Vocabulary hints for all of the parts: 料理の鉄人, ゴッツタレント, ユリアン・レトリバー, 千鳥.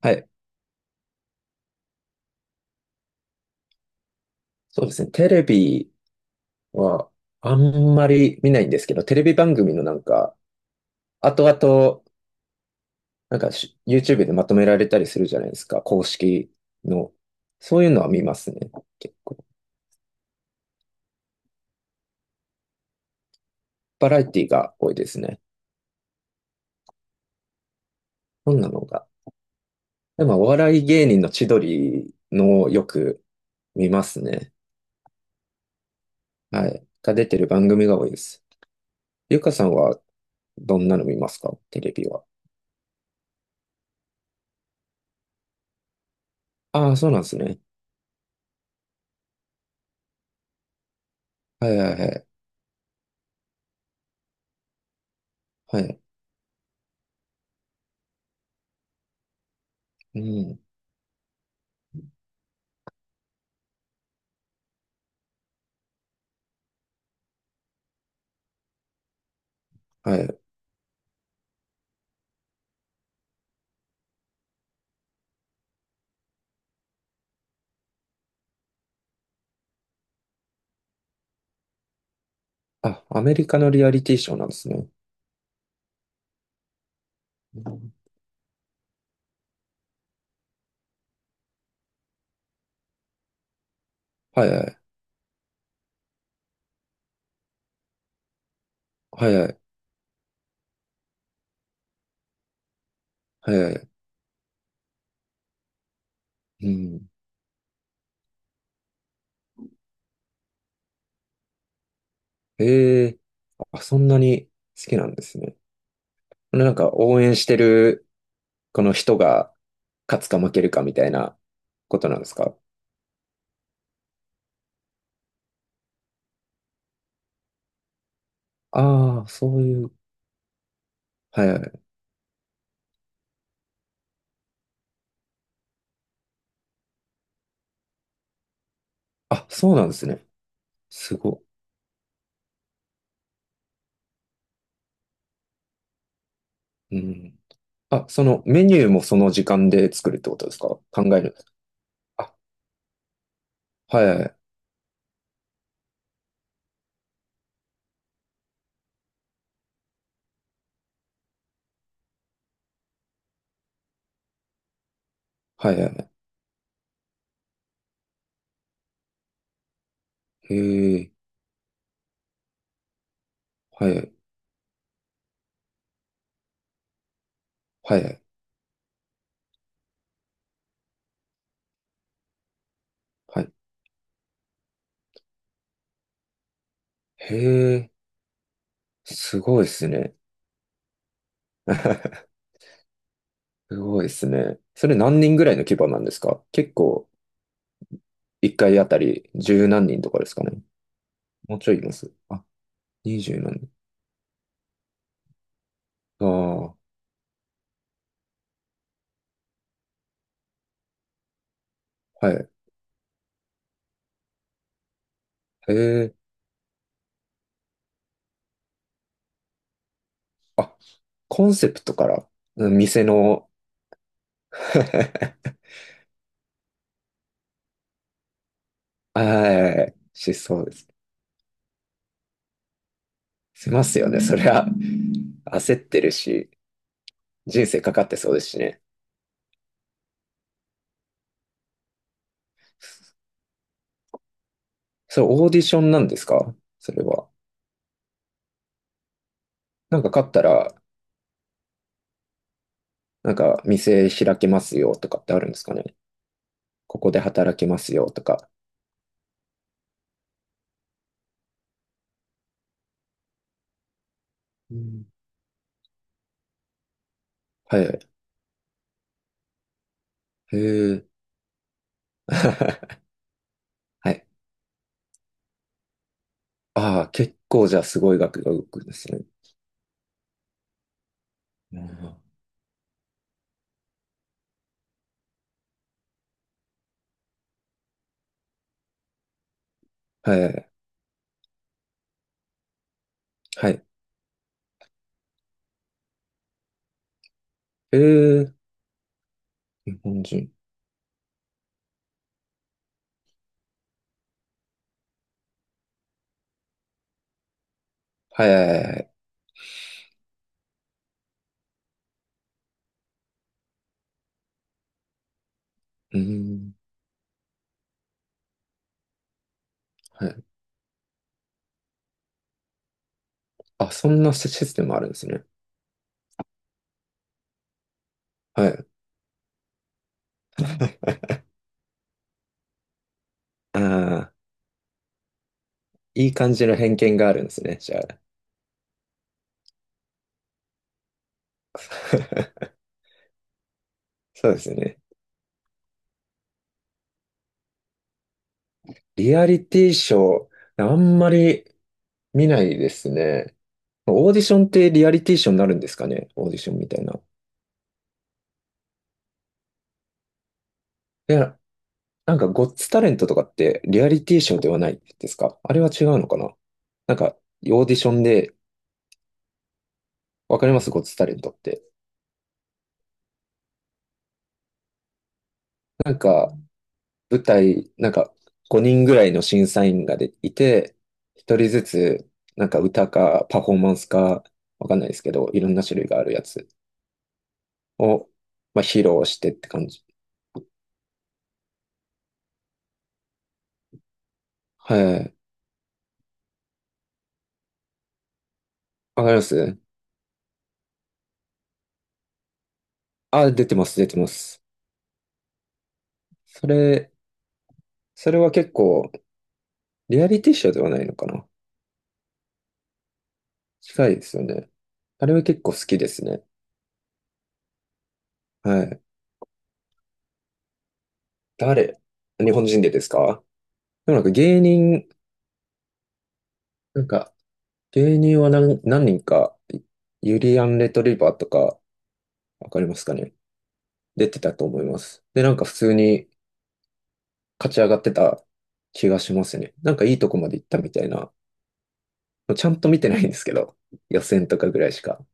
はい。そうですね。テレビはあんまり見ないんですけど、テレビ番組のなんか、後々、なんか YouTube でまとめられたりするじゃないですか。公式の。そういうのは見ますね。結構。バラエティが多いですね。そんなのが。でも、お笑い芸人の千鳥のをよく見ますね。はい。が出てる番組が多いです。ゆかさんはどんなの見ますかテレビは。ああ、そうなんですね。はいはいはい。はい。うん。はい。あ、アメリカのリアリティショーなんですね。うん。はいはい。はいはい。はいはい。うん。ええ、あ、そんなに好きなんですね。なんか応援してるこの人が勝つか負けるかみたいなことなんですか？ああー、そういう。はいはい。あ、そうなんですね。すごい。うん。あ、そのメニューもその時間で作るってことですか？考える、あ、はいはい。はいはい。へえ。はいはい。はいはい。はい。へえ。すごいですね。すごいですね。それ何人ぐらいの規模なんですか？結構、一回あたり十何人とかですかね。もうちょいいます。あ、二十何人。ああ、はい。へえ。あ、コンセプトから、うん、店の。 はい、しそうです。しますよね。そりゃ、焦ってるし、人生かかってそうですしね。それオーディションなんですか？それは。なんか勝ったら、なんか店開けますよとかってあるんですかね。ここで働けますよとか。うん。はいはい。へえ。はい。ああ、結構じゃあすごい額が動くんですね。うん。はいはい。はい。へえ。日本人。はい。はいはいはい。うん。はい。あ、そんなシステムあるんですね。はい。ああ、いい感じの偏見があるんですね。じゃあ。そうですね。リアリティショー、あんまり見ないですね。オーディションってリアリティショーになるんですかね？オーディションみたいな。いや、なんか、ゴッツタレントとかってリアリティショーではないですか？あれは違うのかな。なんか、オーディションで、わかりますゴッツタレントって。なんか、舞台、なんか、5人ぐらいの審査員がでいて、1人ずつ、なんか歌かパフォーマンスか、わかんないですけど、いろんな種類があるやつを、まあ、披露してって感じ。はい。わかります。あ、出てます、出てます。それ、それは結構、リアリティショーではないのかな。近いですよね。あれは結構好きですね。はい。誰、日本人でですか？でもなんか芸人、なんか芸人は何、何人か、ユリアン・レトリバーとか、わかりますかね？出てたと思います。で、なんか普通に勝ち上がってた気がしますね。なんかいいとこまで行ったみたいな。ちゃんと見てないんですけど、予選とかぐらいしか。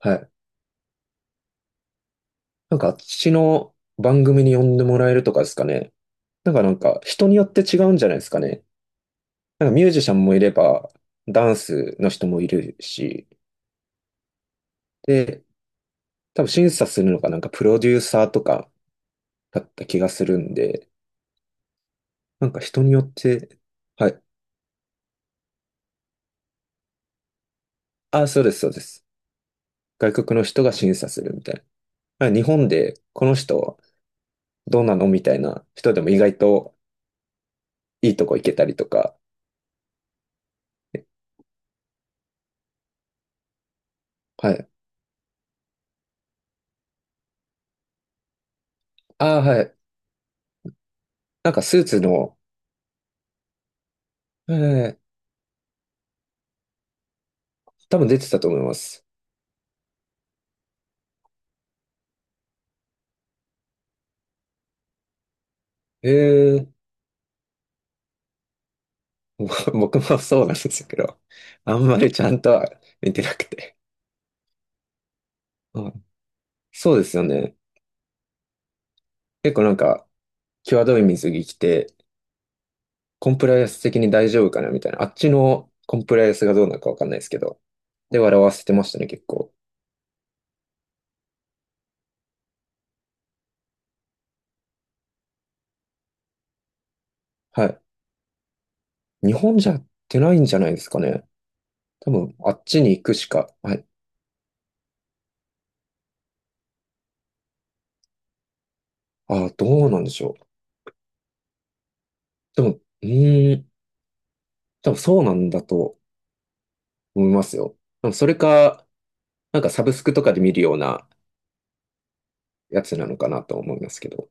はい。なんかあっちの番組に呼んでもらえるとかですかね。なんか人によって違うんじゃないですかね。なんかミュージシャンもいれば、ダンスの人もいるし、で、多分審査するのがなんかプロデューサーとかだった気がするんで、なんか人によって、はい。あ、そうです、そうです。外国の人が審査するみたいな。まあ日本でこの人どうなのみたいな人でも意外といいとこ行けたりとか。はい。ああ、はい。なんかスーツの、えー、多分出てたと思います。ええ。 僕もそうなんですけど、あんまりちゃんとは見てなくて。はい、そうですよね。結構なんか、際どい水着着て、コンプライアンス的に大丈夫かなみたいな。あっちのコンプライアンスがどうなのかわかんないですけど。で、笑わせてましたね、結構。はい。日本じゃやってないんじゃないですかね。多分、あっちに行くしか。はい。ああ、どうなんでしょう。でも、うーん、多分そうなんだと思いますよ。でもそれか、なんかサブスクとかで見るようなやつなのかなと思いますけど。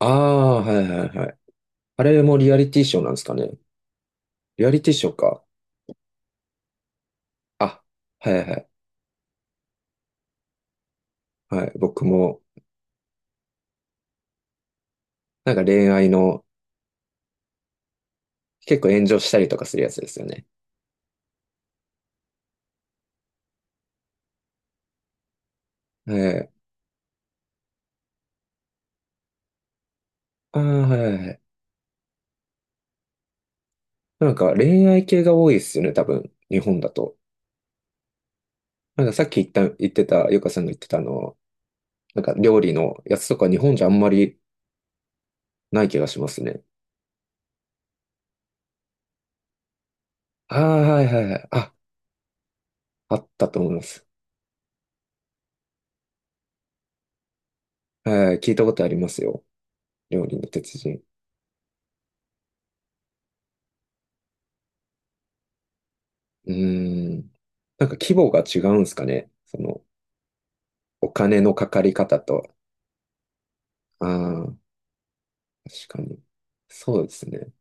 ああ、はいはいはい。あれもリアリティショーなんですかね。リアリティショーか。あ、はいはいはい。僕も、なんか恋愛の、結構炎上したりとかするやつですよね。はい。ああ、はいはいはい。なんか恋愛系が多いですよね、多分、日本だと。なんかさっき言った、言ってた、ゆかさんが言ってたあの、なんか料理のやつとか日本じゃあんまりない気がしますね。ああ、はいはいはい。あ、あったと思います。はい、聞いたことありますよ。料理の鉄人。うーん。なんか規模が違うんですかね。その、お金のかかり方と。ああ。確かに。そうですね。